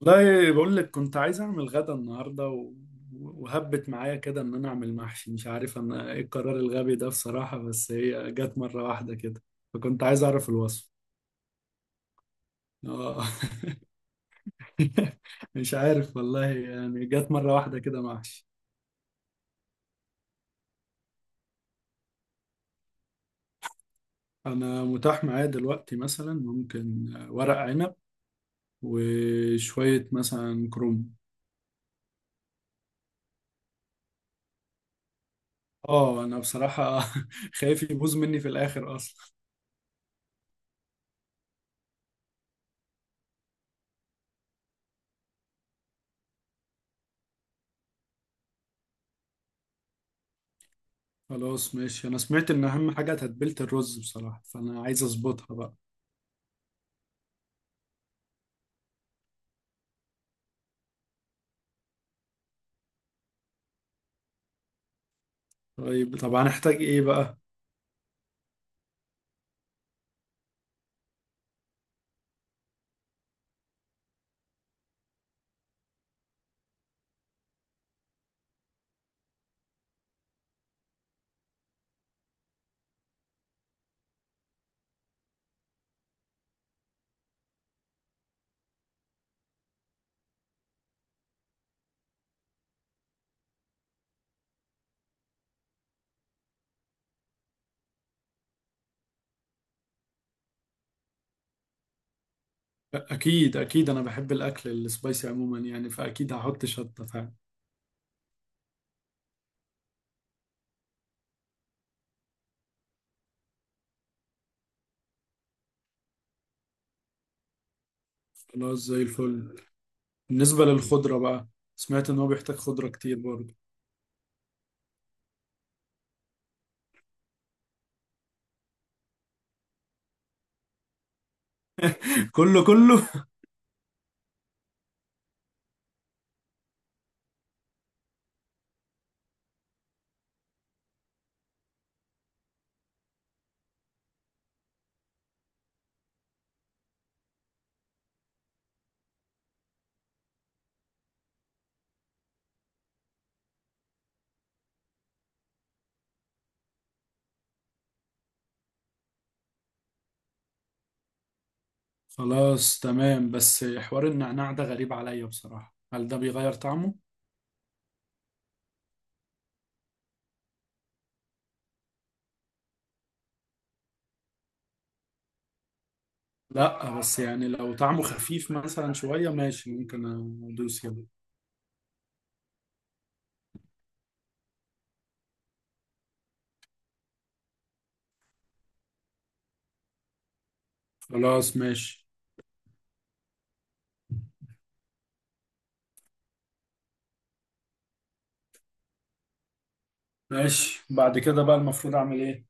والله بقول لك كنت عايز اعمل غدا النهارده وهبت معايا كده ان انا اعمل محشي. مش عارف انا ايه القرار الغبي ده بصراحه، بس هي جت مره واحده كده. فكنت عايز اعرف الوصف. اه. مش عارف والله، يعني جت مره واحده كده محشي. انا متاح معايا دلوقتي مثلا ممكن ورق عنب، وشويه مثلا كروم. اه انا بصراحه خايف يبوظ مني في الاخر اصلا. خلاص ماشي، انا سمعت ان اهم حاجه تتبيله الرز بصراحه، فانا عايز اظبطها بقى. طيب طب هنحتاج ايه بقى؟ اكيد اكيد انا بحب الاكل السبايسي عموما، يعني فاكيد هحط شطه فعلا. خلاص زي الفل. بالنسبه للخضره بقى، سمعت ان هو بيحتاج خضره كتير برضه. كله كله. خلاص تمام، بس حوار النعناع ده غريب عليا بصراحه، هل ده بيغير طعمه؟ لا بس يعني لو طعمه خفيف مثلا شويه ماشي، ممكن ادوس يعني. خلاص ماشي. ماشي بعد كده بقى المفروض اعمل ايه؟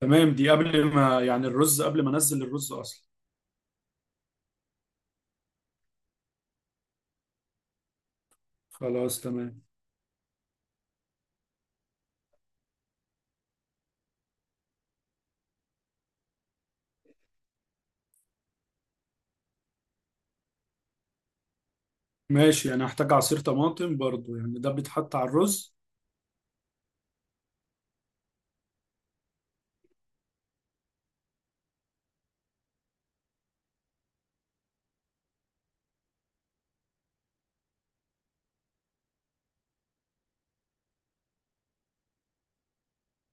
تمام، دي قبل ما، يعني الرز، قبل ما انزل الرز اصلا. خلاص تمام. ماشي، يعني هحتاج عصير طماطم برضو، يعني ده بيتحط على الرز.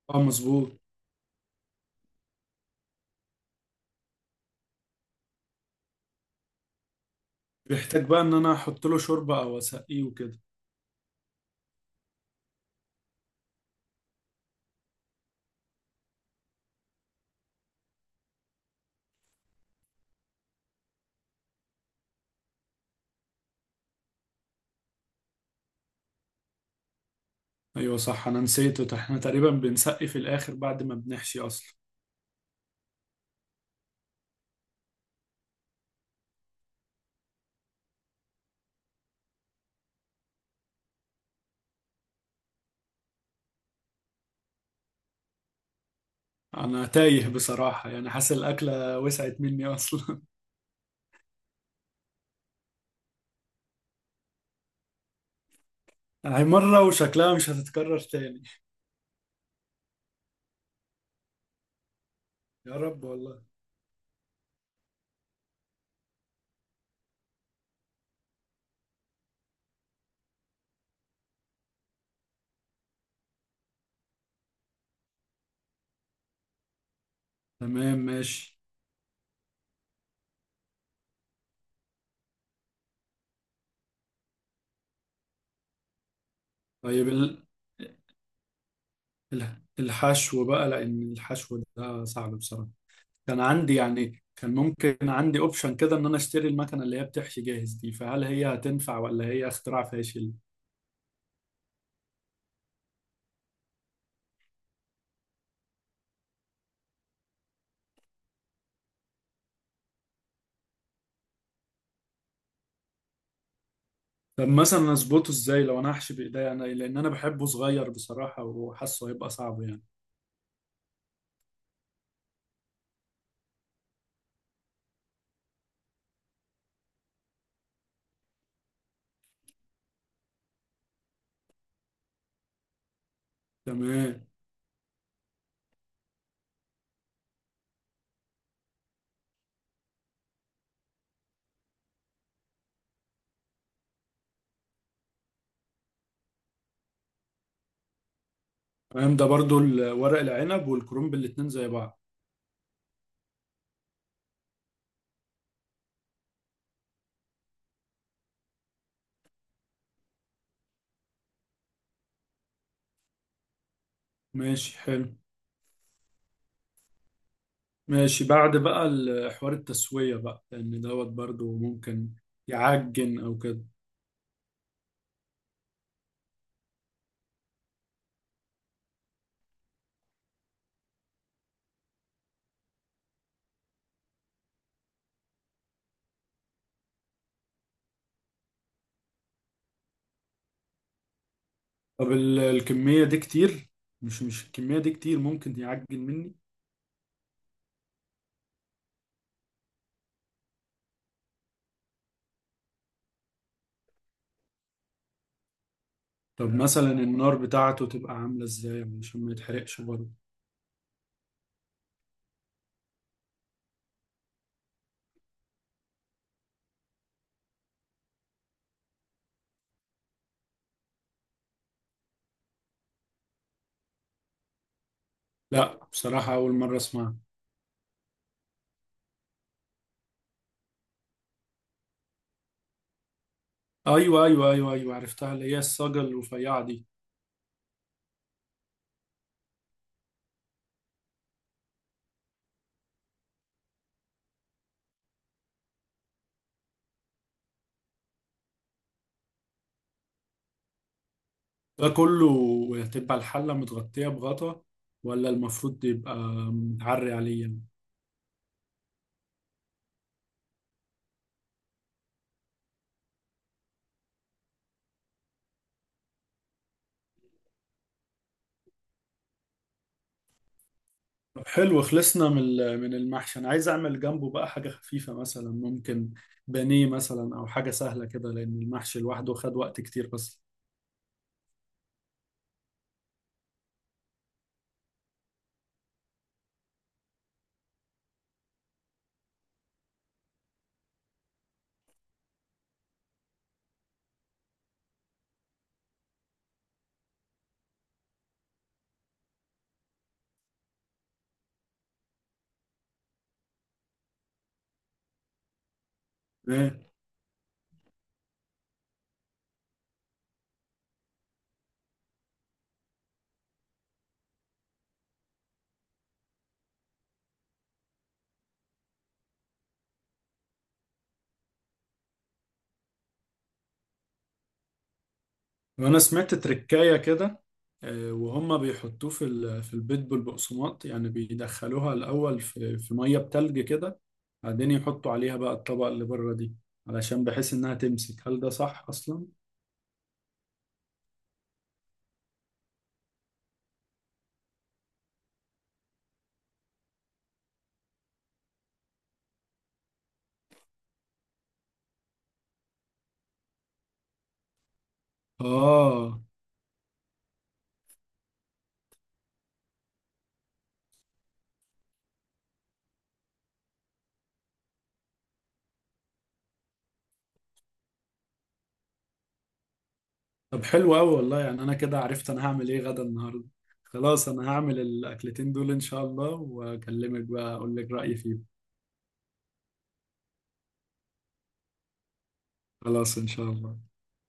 اه مظبوط. بيحتاج بقى ان انا احط له شوربة او اسقيه وكده؟ ايوه صح، انا نسيته، احنا تقريبا بنسقي في الاخر بعد ما بنحشي اصلا. انا تايه بصراحة، يعني حاسس الاكلة وسعت مني اصلا. هي مرة وشكلها مش هتتكرر تاني. يا رب والله. تمام ماشي. طيب ال... الحشو بقى، لان الحشو ده صعب بصراحه. كان عندي يعني، كان ممكن عندي اوبشن كده ان انا اشتري المكنه اللي هي بتحشي جاهز دي، فهل هي هتنفع ولا هي اختراع فاشل؟ طب مثلا اظبطه ازاي لو انا هحشي بايديا انا، لان انا بحبه صغير بصراحه وحاسه هيبقى صعب يعني. تمام. تمام، ده برضو ورق العنب والكرنب الاتنين زي بعض. ماشي حلو. ماشي، بعد بقى حوار التسويه بقى، لان دوت برضو ممكن يعجن او كده. طب الكمية دي كتير، مش الكمية دي كتير ممكن يعجن مني؟ طب مثلا النار بتاعته تبقى عاملة ازاي عشان ما يتحرقش برضه؟ لا بصراحة أول مرة أسمعها. أيوة، أيوة، أيوة، أيوة، عرفتها، اللي هي الصاجة الرفيعة دي. ده كله هتبقى الحلة متغطية بغطا، ولا المفروض يبقى متعري عليه يعني؟ طب حلو، خلصنا من من المحشي. أنا عايز أعمل جنبه بقى حاجة خفيفة، مثلا ممكن بانيه مثلا أو حاجة سهلة كده، لأن المحشي لوحده خد وقت كتير أصلا. إيه؟ وانا سمعت تركاية كده، وهم بيحطوه في في البيت بالبقسماط، يعني بيدخلوها الاول في ميه بتلج كده. بعدين يحطوا عليها بقى الطبقه اللي بره دي، علشان بحيث انها تمسك. هل ده صح اصلا؟ اه. طب حلو قوي والله، يعني انا كده عرفت انا هعمل ايه غدا النهارده. خلاص انا هعمل الاكلتين دول ان شاء الله، واكلمك بقى اقول لك رايي فيهم. خلاص ان شاء الله.